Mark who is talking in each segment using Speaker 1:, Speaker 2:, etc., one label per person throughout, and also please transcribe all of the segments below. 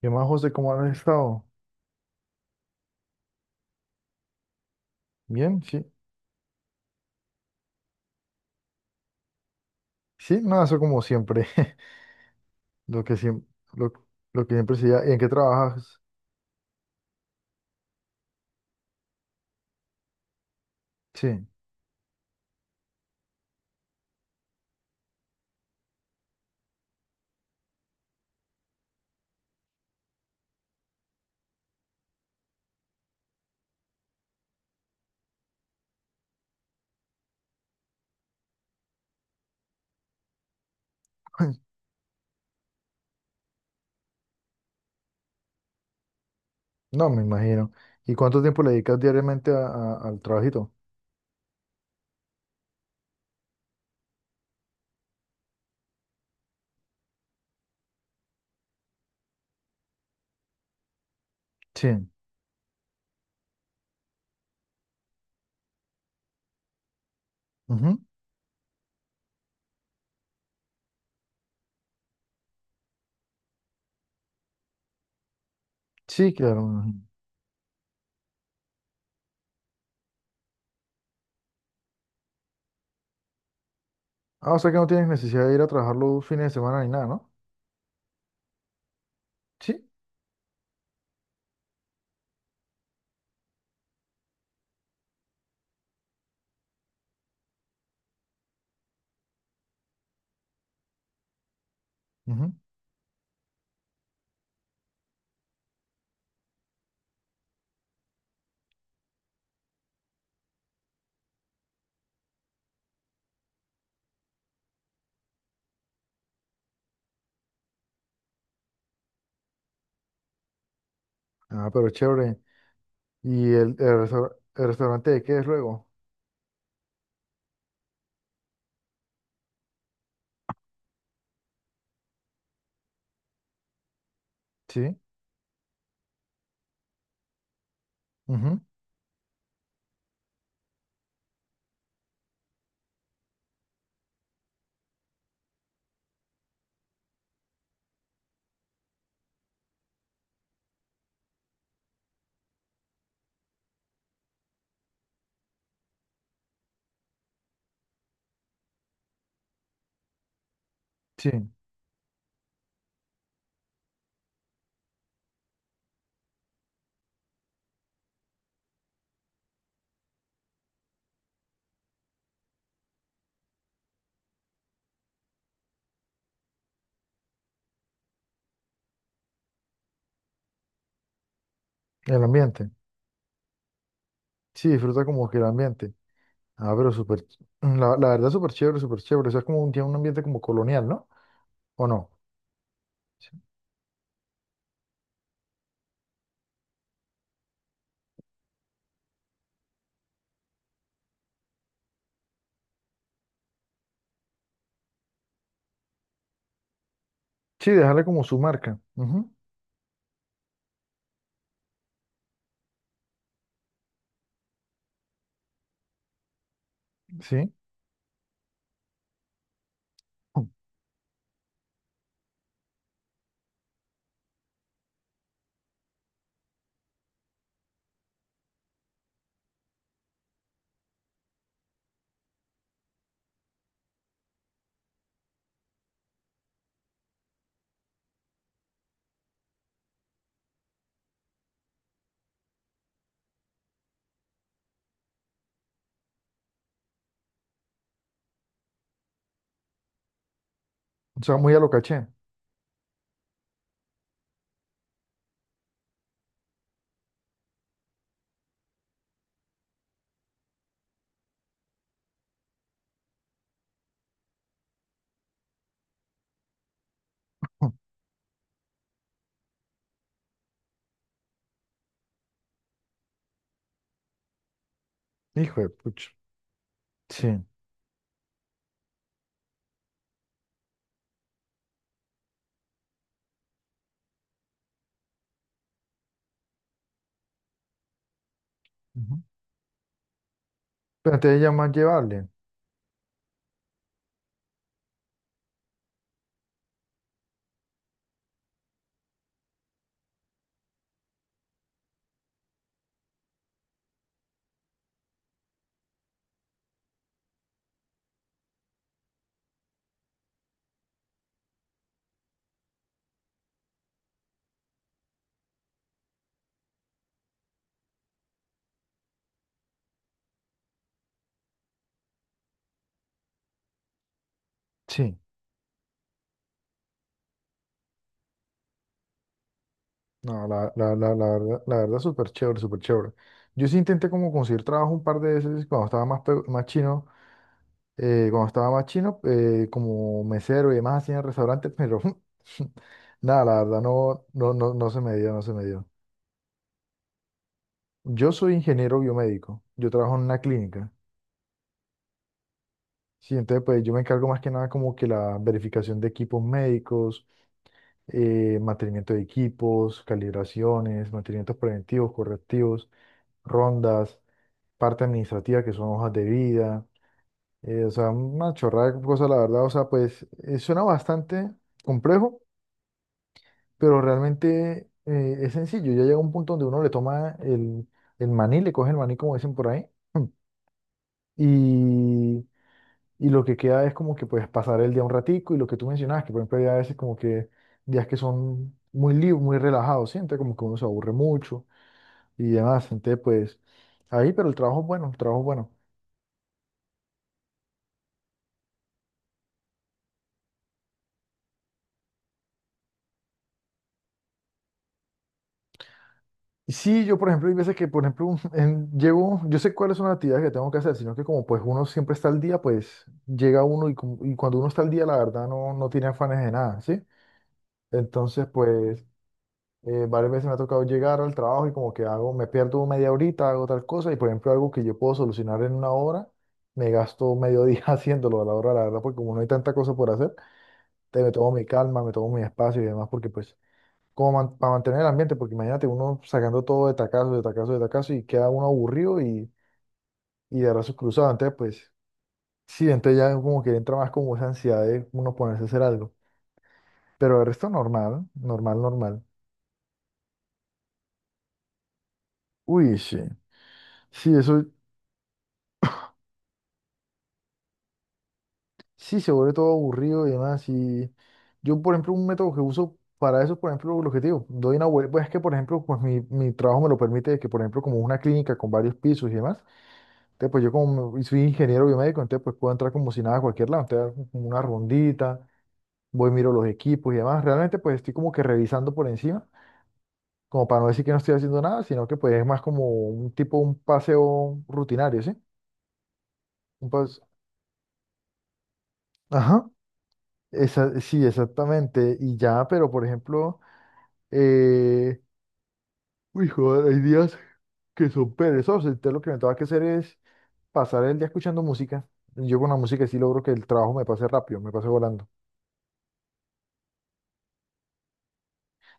Speaker 1: ¿Qué más, José? ¿Cómo has estado? Bien, sí. Sí, nada, eso como siempre. Lo que siempre, lo, lo que siempre se da. ¿Y en qué trabajas? Sí. No, me imagino. ¿Y cuánto tiempo le dedicas diariamente al trabajito? Sí. Ujú. Sí, claro. Me imagino. Ah, o sea que no tienes necesidad de ir a trabajar los fines de semana ni nada, ¿no? Sí. Ujú. Ah, pero chévere. ¿Y el restaurante de qué es luego? Sí. Ujú. Sí. El ambiente. Sí, disfruta como que el ambiente. Ah, pero súper, ch- la verdad súper chévere, súper chévere. O sea, es como un, tiene un ambiente como colonial, ¿no? ¿O no? Sí. Sí, dejarle como su marca. Ujú. Sí. O sea, muy a lo caché. Hijo de pucha. Sí. Ujú. Pero entonces ya más llevable. Sí. No, la verdad, la verdad súper chévere, súper chévere. Yo sí intenté como conseguir trabajo un par de veces cuando estaba más, pe- más chino, cuando estaba más chino, como mesero y demás así en restaurantes, pero nada, la verdad no se me dio, no se me dio. Yo soy ingeniero biomédico, yo trabajo en una clínica, ¿sí? Entonces, pues yo me encargo más que nada como que la verificación de equipos médicos, mantenimiento de equipos, calibraciones, mantenimientos preventivos, correctivos, rondas, parte administrativa que son hojas de vida, o sea, una chorrada de cosas, la verdad, o sea, pues, suena bastante complejo, pero realmente es sencillo, ya llega un punto donde uno le toma el maní, le coge el maní como dicen por ahí. Y y lo que queda es como que puedes pasar el día un ratico y lo que tú mencionabas, que por ejemplo hay a veces como que días que son muy libres, muy relajados, siente como que uno se aburre mucho y demás, entonces pues ahí, pero el trabajo es bueno, el trabajo es bueno. Y sí, yo por ejemplo hay veces que por ejemplo en- llego, yo sé cuáles son las actividades que tengo que hacer, sino que como pues uno siempre está al día, pues llega uno y, como- y cuando uno está al día la verdad no, no tiene afanes de nada, ¿sí? Entonces pues... varias veces me ha tocado llegar al trabajo y como que hago, me pierdo media horita, hago tal cosa y por ejemplo algo que yo puedo solucionar en una hora, me gasto medio día haciéndolo a la hora, la verdad, porque como no hay tanta cosa por hacer, te me tomo mi calma, me tomo mi espacio y demás, porque pues como man- para mantener el ambiente, porque imagínate uno sacando todo de tacazo, de tacazo, de tacazo y queda uno aburrido y de brazos cruzados, entonces pues sí, entonces ya como que entra más como esa ansiedad de uno ponerse a hacer algo, pero el resto normal, normal, normal. Uy, sí. Sí, eso. Sí, se vuelve todo aburrido y demás. Y yo, por ejemplo, un método que uso para eso, por ejemplo, lo que te digo, doy una vuelta, pues es que, por ejemplo, pues mi trabajo me lo permite, que, por ejemplo, como una clínica con varios pisos y demás, entonces, pues yo como me- soy ingeniero biomédico, entonces, pues puedo entrar como si nada a cualquier lado, entonces, hago como una rondita, voy, miro los equipos y demás. Realmente, pues estoy como que revisando por encima, como para no decir que no estoy haciendo nada, sino que, pues, es más como un tipo, un paseo rutinario, ¿sí? Un paseo. Ajá. Esa- sí, exactamente. Y ya, pero por ejemplo... Eh, uy, joder, hay días que son perezosos. Entonces lo que me tengo que hacer es pasar el día escuchando música. Yo con la música sí logro que el trabajo me pase rápido, me pase volando.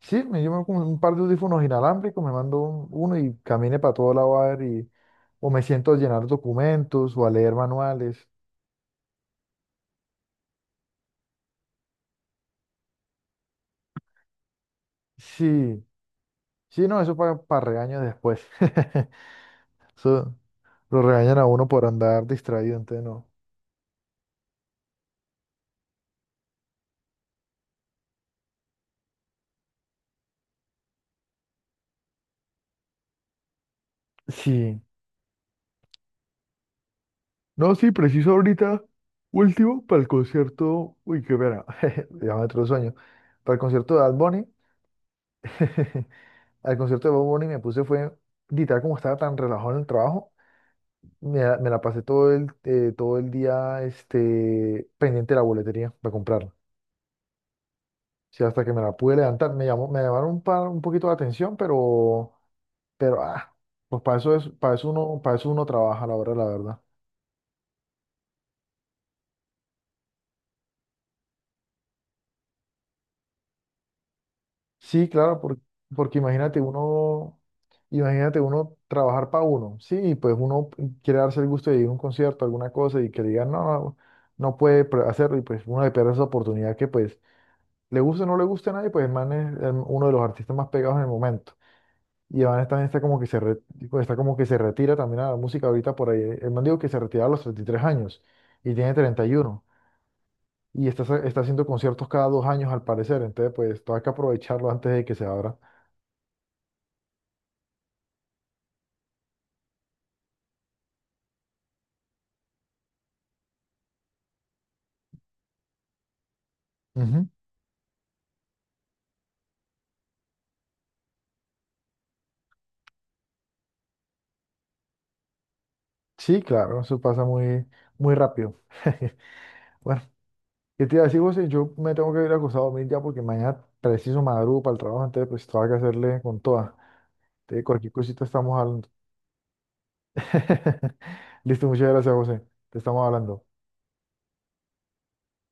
Speaker 1: Sí, me llevo con un par de audífonos inalámbricos, me mando un- uno y camine para todo lado a ver y, o me siento a llenar documentos o a leer manuales. Sí, sí, no, eso para regaño después. Eso lo regañan a uno por andar distraído, entonces no. Sí. No, sí, preciso ahorita, último, para el concierto, uy, qué pena, ya me entró el sueño, para el concierto de Bad Bunny, al concierto de Bad Bunny me puse fue, literal, como estaba tan relajado en el trabajo, me la pasé todo el día este, pendiente de la boletería para comprarla, sí, hasta que me la pude levantar, me llamaron un, par, un poquito la atención, pero, pero, ah, pues para eso es, para eso uno trabaja, la hora la verdad. Sí, claro, por- porque imagínate uno trabajar para uno, sí, y pues uno quiere darse el gusto de ir a un concierto, alguna cosa, y que le digan, no puede pre- hacerlo, y pues uno le pierde esa oportunidad que pues le guste o no le guste a nadie, pues el man es el- uno de los artistas más pegados en el momento. Y el man también está como que se, re- está como que se retira también a la música ahorita por ahí. El man dijo que se retira a los 33 años y tiene 31. Y uno. Y está, está haciendo conciertos cada dos años al parecer, entonces pues todo hay que aprovecharlo antes de que se abra. Sí, claro, eso pasa muy, muy rápido. Bueno, yo te iba a decir, José, yo me tengo que ir acostado a dormir ya porque mañana preciso madrugo para el trabajo, entonces pues tengo que hacerle con toda. Entonces, cualquier cosita estamos hablando. Listo, muchas gracias, José. Te estamos hablando.